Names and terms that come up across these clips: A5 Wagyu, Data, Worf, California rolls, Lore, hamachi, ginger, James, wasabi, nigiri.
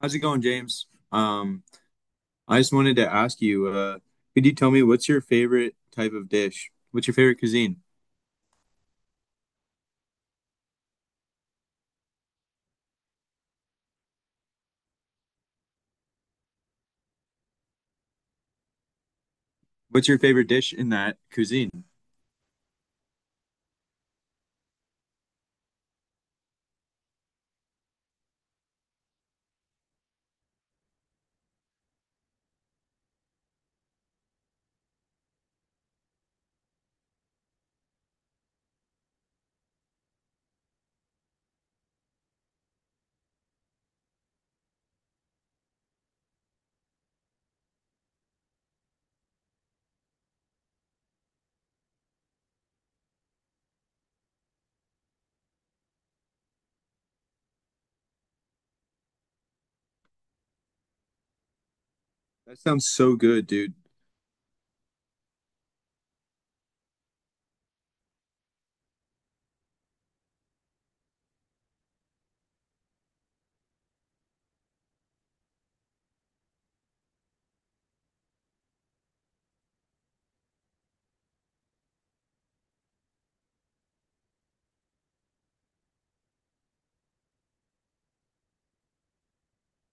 How's it going, James? Um, I just wanted to ask you, could you tell me what's your favorite type of dish? What's your favorite cuisine? What's your favorite dish in that cuisine? That sounds so good, dude.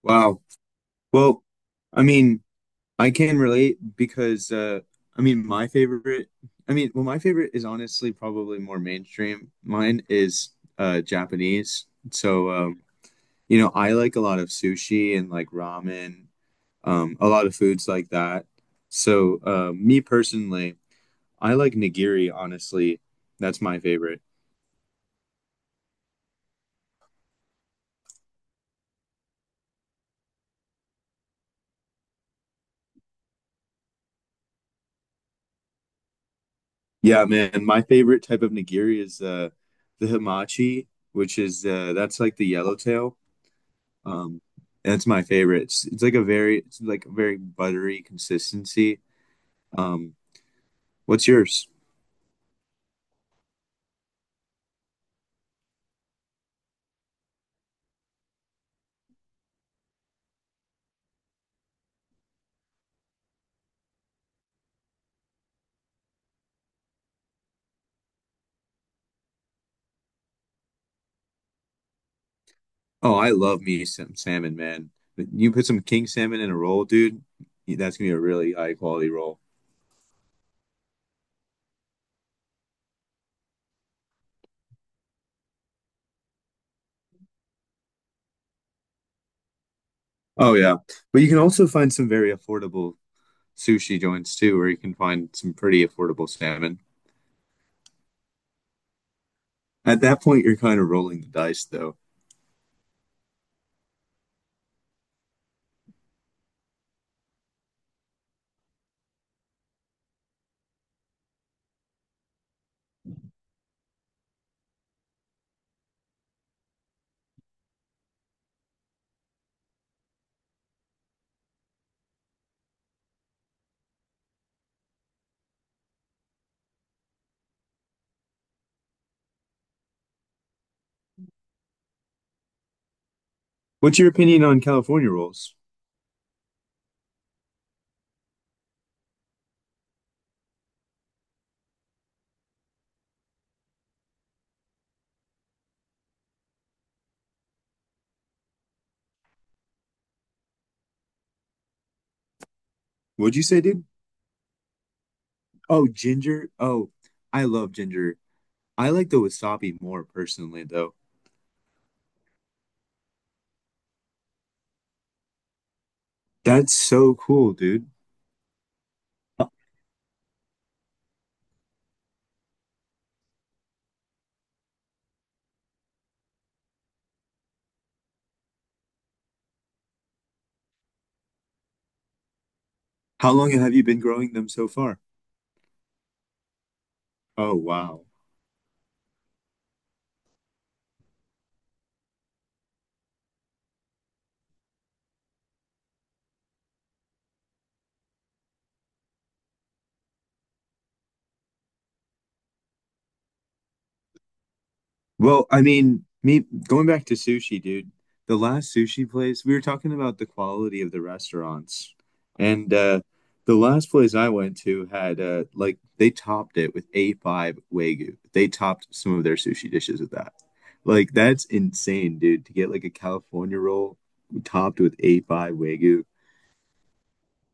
Wow. Well, I mean, I can relate because I mean, my favorite, I mean, well, my favorite is honestly probably more mainstream. Mine is Japanese. So, I like a lot of sushi and like ramen, a lot of foods like that. So, me personally, I like nigiri, honestly. That's my favorite. Yeah, man, my favorite type of nigiri is the hamachi, which is that's like the yellowtail. Um, that's my favorite. It's like a very buttery consistency. Um, what's yours? Oh, I love me some salmon, man. You put some king salmon in a roll, dude, that's gonna be a really high quality roll. Oh yeah. But you can also find some very affordable sushi joints too, where you can find some pretty affordable salmon. At that point, you're kind of rolling the dice, though. What's your opinion on California rolls? What'd you say, dude? Oh, ginger. Oh, I love ginger. I like the wasabi more personally, though. That's so cool, dude. How long have you been growing them so far? Oh, wow. Well, I mean, me going back to sushi, dude, the last sushi place, we were talking about the quality of the restaurants. And the last place I went to had like they topped it with A5 Wagyu. They topped some of their sushi dishes with that. Like that's insane, dude, to get like a California roll topped with A5 Wagyu.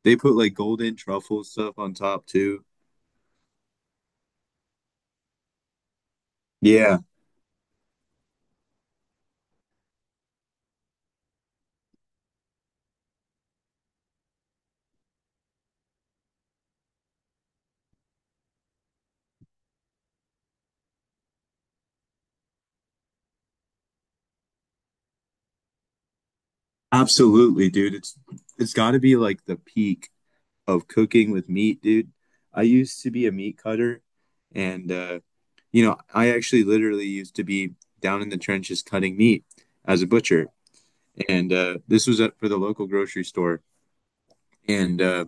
They put like golden truffle stuff on top too. Yeah, absolutely, dude. It's got to be like the peak of cooking with meat, dude. I used to be a meat cutter, and you know, I actually literally used to be down in the trenches cutting meat as a butcher, and this was at, for the local grocery store, and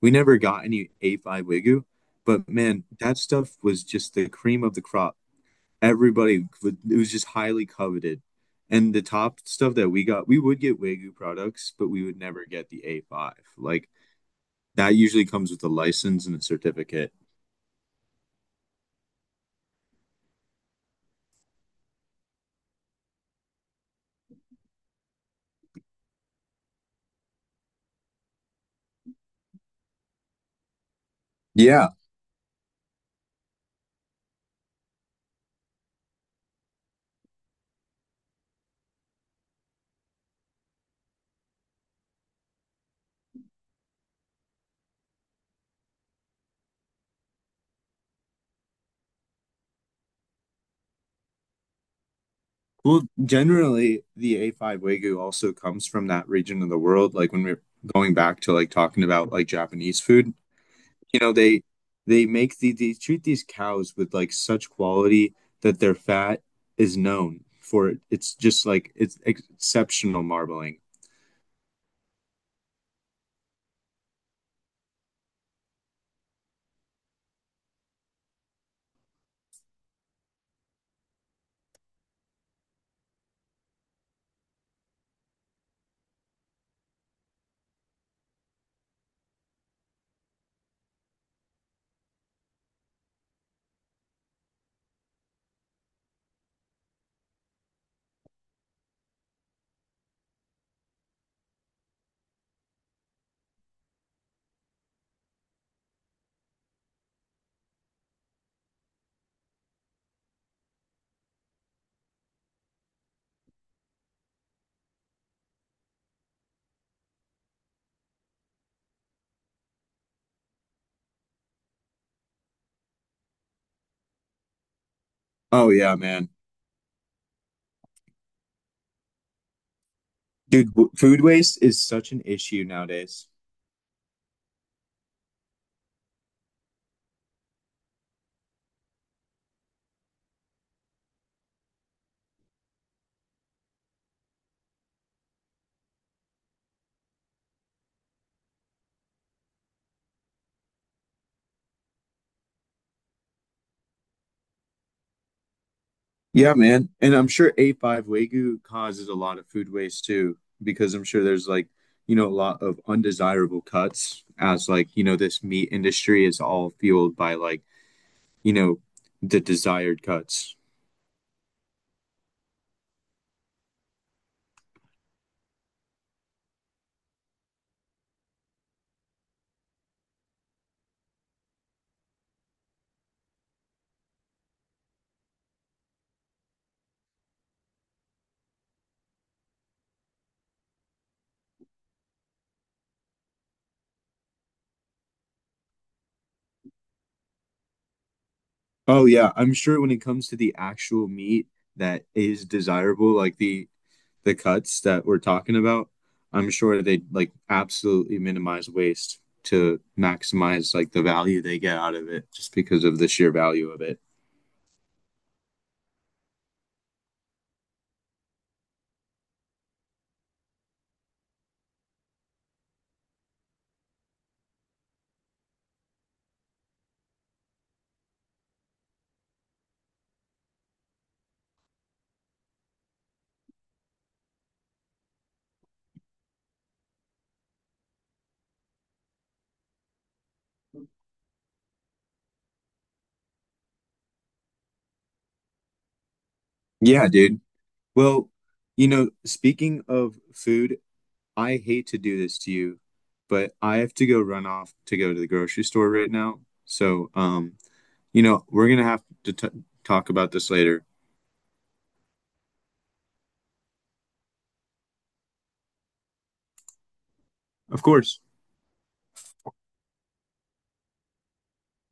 we never got any A5 Wagyu, but man, that stuff was just the cream of the crop. Everybody, would, it was just highly coveted. And the top stuff that we got, we would get Wagyu products, but we would never get the A5. Like that usually comes with a license and a certificate. Yeah. Well, generally, the A5 Wagyu also comes from that region of the world. Like when we're going back to like talking about like Japanese food, you know, they make they treat these cows with like such quality that their fat is known for it. It's just like it's exceptional marbling. Oh yeah, man. Dude, food waste is such an issue nowadays. Yeah, man. And I'm sure A5 Wagyu causes a lot of food waste too, because I'm sure there's like, you know, a lot of undesirable cuts as like, you know, this meat industry is all fueled by like, you know, the desired cuts. Oh yeah, I'm sure when it comes to the actual meat that is desirable, like the cuts that we're talking about, I'm sure they like absolutely minimize waste to maximize like the value they get out of it just because of the sheer value of it. Yeah, dude. Well, you know, speaking of food, I hate to do this to you, but I have to go run off to go to the grocery store right now. So, you know, we're gonna have to t talk about this later. Of course.